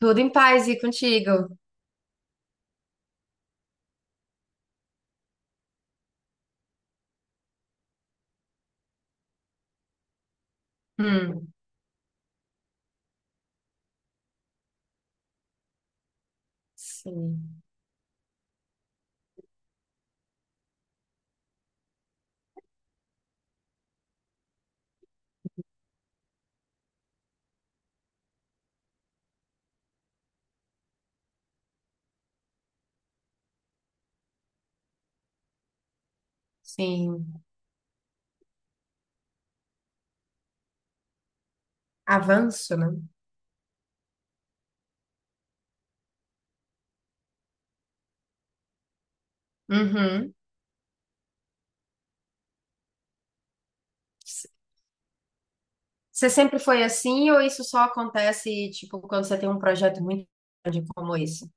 Tudo em paz e contigo. Hum. Sim, sim. Avanço, né? Uhum. S- Você sempre foi assim ou isso só acontece, tipo, quando você tem um projeto muito grande como esse?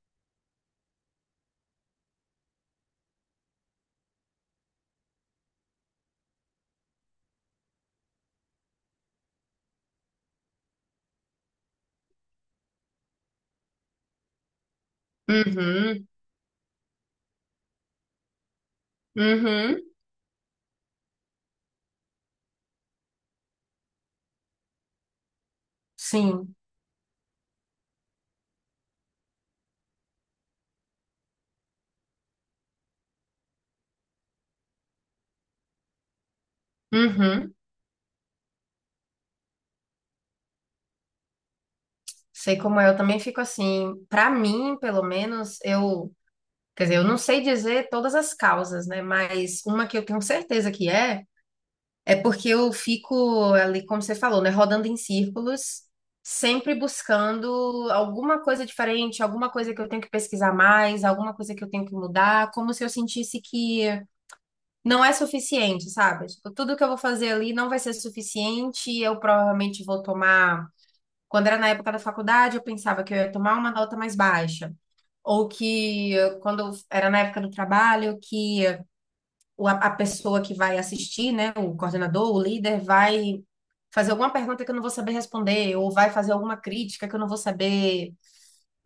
Uhum. Uhum. Sim. Uhum. Sei como é, eu também fico assim. Pra mim, pelo menos, eu, quer dizer, eu não sei dizer todas as causas, né? Mas uma que eu tenho certeza que é é porque eu fico ali, como você falou, né, rodando em círculos, sempre buscando alguma coisa diferente, alguma coisa que eu tenho que pesquisar mais, alguma coisa que eu tenho que mudar, como se eu sentisse que não é suficiente, sabe? Tipo, tudo que eu vou fazer ali não vai ser suficiente, eu provavelmente vou tomar. Quando era na época da faculdade, eu pensava que eu ia tomar uma nota mais baixa. Ou que, quando eu era na época do trabalho, que a pessoa que vai assistir, né, o coordenador, o líder, vai fazer alguma pergunta que eu não vou saber responder, ou vai fazer alguma crítica que eu não vou saber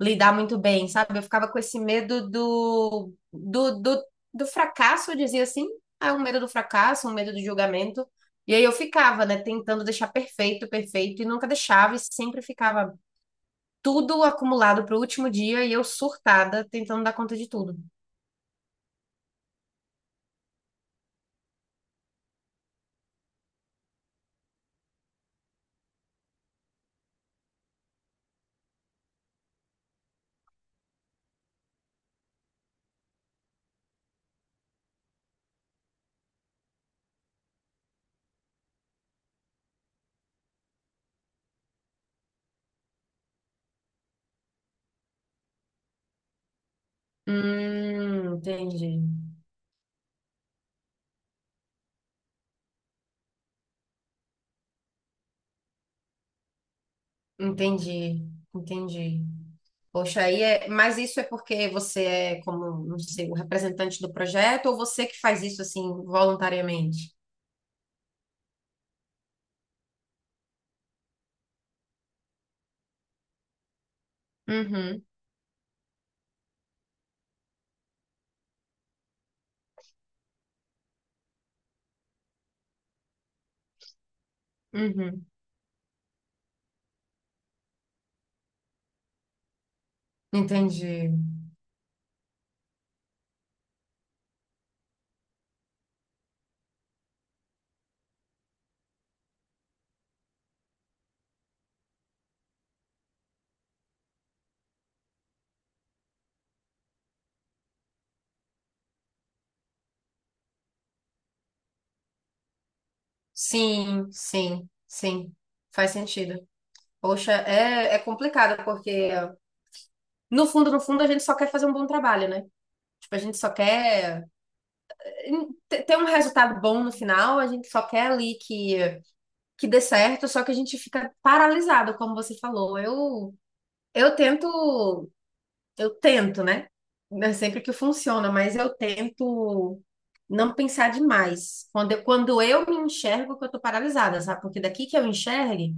lidar muito bem, sabe? Eu ficava com esse medo do fracasso, eu dizia assim, ah, é um medo do fracasso, um medo do julgamento. E aí eu ficava, né, tentando deixar perfeito, perfeito, e nunca deixava, e sempre ficava tudo acumulado para o último dia, e eu surtada, tentando dar conta de tudo. Entendi. Entendi, entendi. Poxa, aí é, mas isso é porque você é como, não sei, o representante do projeto ou você que faz isso assim voluntariamente? Uhum. Uhum. Entendi. Sim, sim, sim. Faz sentido. Poxa, é, é complicado porque no fundo, no fundo, a gente só quer fazer um bom trabalho, né? Tipo, a gente só quer ter ter um resultado bom no final, a gente só quer ali que dê certo, só que a gente fica paralisado, como você falou. Eu tento, né? Não é sempre que funciona, mas eu tento não pensar demais. Quando eu me enxergo que eu tô paralisada, sabe? Porque daqui que eu enxergue,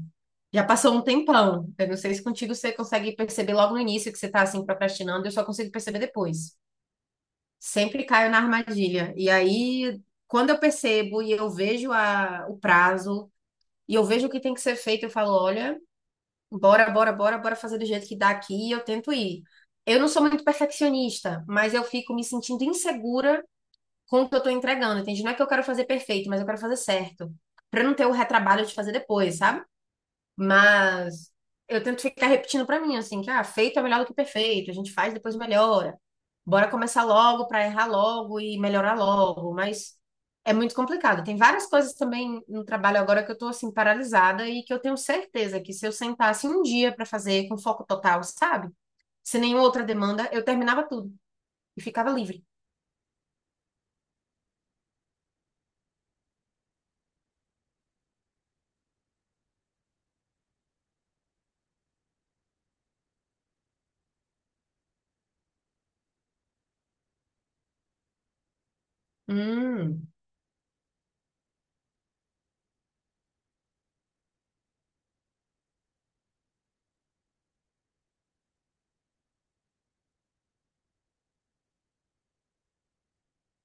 já passou um tempão. Eu não sei se contigo você consegue perceber logo no início que você tá assim procrastinando, eu só consigo perceber depois. Sempre caio na armadilha. E aí, quando eu percebo e eu vejo o prazo, e eu vejo o que tem que ser feito, eu falo, olha, bora, bora, bora, bora fazer do jeito que dá aqui e eu tento ir. Eu não sou muito perfeccionista, mas eu fico me sentindo insegura com o que eu tô entregando, entende? Não é que eu quero fazer perfeito, mas eu quero fazer certo, pra eu não ter o retrabalho de fazer depois, sabe? Mas eu tento ficar repetindo pra mim, assim, que ah, feito é melhor do que perfeito, a gente faz, depois melhora. Bora começar logo pra errar logo e melhorar logo, mas é muito complicado. Tem várias coisas também no trabalho agora que eu tô assim paralisada e que eu tenho certeza que se eu sentasse um dia pra fazer com foco total, sabe? Sem nenhuma outra demanda, eu terminava tudo e ficava livre. Hum.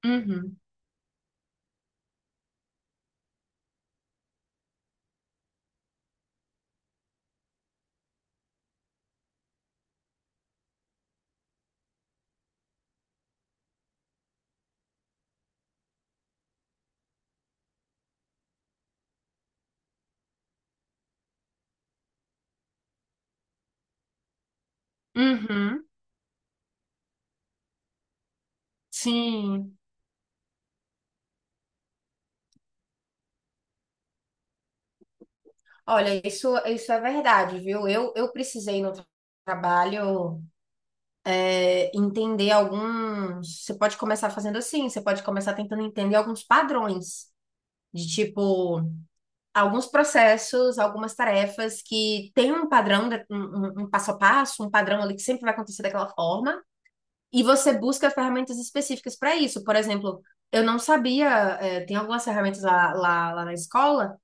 Uhum. Uhum. Sim. Olha, isso é verdade, viu? Eu precisei no trabalho entender alguns. Você pode começar fazendo assim, você pode começar tentando entender alguns padrões, de tipo, alguns processos, algumas tarefas que tem um padrão, um passo a passo, um padrão ali que sempre vai acontecer daquela forma, e você busca ferramentas específicas para isso. Por exemplo, eu não sabia, é, tem algumas ferramentas lá na escola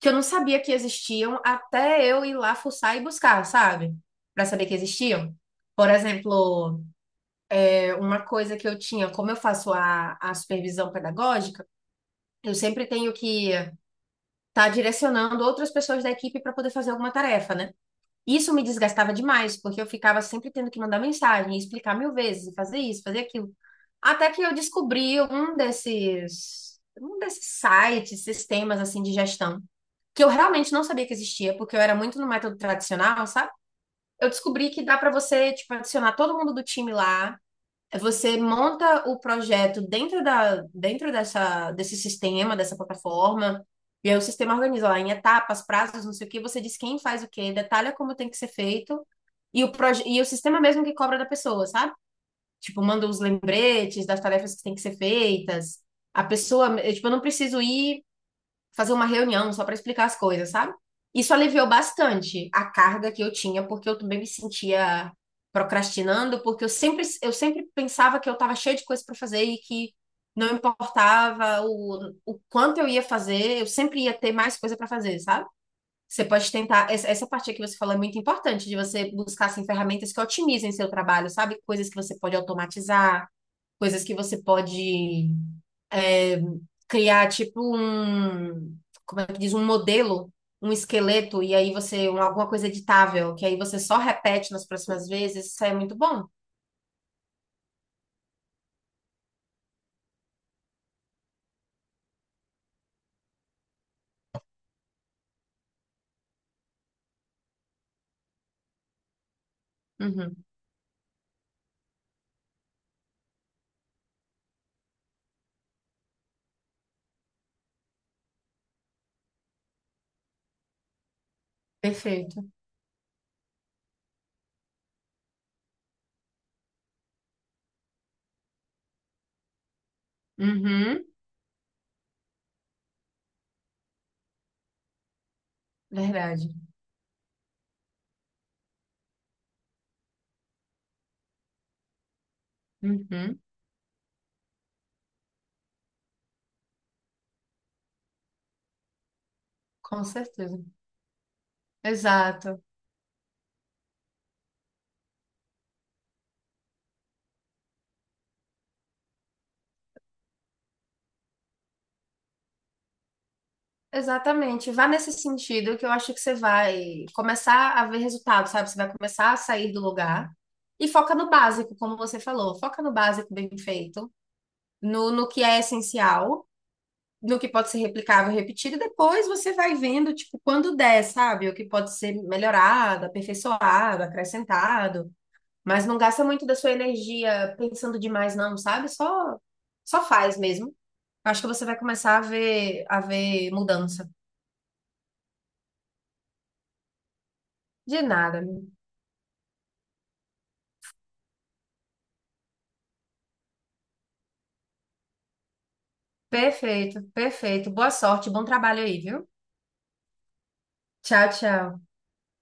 que eu não sabia que existiam até eu ir lá fuçar e buscar, sabe? Para saber que existiam. Por exemplo, uma coisa que eu tinha, como eu faço a supervisão pedagógica, eu sempre tenho que estar direcionando outras pessoas da equipe para poder fazer alguma tarefa, né? Isso me desgastava demais, porque eu ficava sempre tendo que mandar mensagem, explicar mil vezes, fazer isso, fazer aquilo. Até que eu descobri um desses sites, sistemas assim de gestão, que eu realmente não sabia que existia, porque eu era muito no método tradicional, sabe? Eu descobri que dá para você, tipo, adicionar todo mundo do time lá, você monta o projeto dentro dentro dessa, desse sistema, dessa plataforma, e aí o sistema organiza lá em etapas, prazos, não sei o quê, você diz quem faz o quê, detalha como tem que ser feito, e e o sistema é mesmo que cobra da pessoa, sabe? Tipo, manda os lembretes das tarefas que têm que ser feitas. A pessoa, eu, tipo, eu não preciso ir fazer uma reunião só para explicar as coisas, sabe? Isso aliviou bastante a carga que eu tinha, porque eu também me sentia procrastinando, porque eu sempre pensava que eu estava cheia de coisa para fazer e que não importava o quanto eu ia fazer, eu sempre ia ter mais coisa para fazer, sabe? Você pode tentar. Essa parte que você falou é muito importante, de você buscar assim, ferramentas que otimizem seu trabalho, sabe? Coisas que você pode automatizar, coisas que você pode criar tipo como é que diz, um modelo, um esqueleto, e aí você, um, alguma coisa editável, que aí você só repete nas próximas vezes, isso é muito bom. Uhum, perfeito. Uhum, verdade. Uhum, com certeza. Exato. Exatamente. Vá nesse sentido que eu acho que você vai começar a ver resultado, sabe? Você vai começar a sair do lugar e foca no básico, como você falou. Foca no básico bem feito, no que é essencial no que pode ser replicável, repetido, e depois você vai vendo, tipo, quando der, sabe? O que pode ser melhorado, aperfeiçoado, acrescentado, mas não gasta muito da sua energia pensando demais, não, sabe? Só, só faz mesmo. Acho que você vai começar a ver mudança. De nada. Perfeito, perfeito. Boa sorte, bom trabalho aí, viu? Tchau, tchau.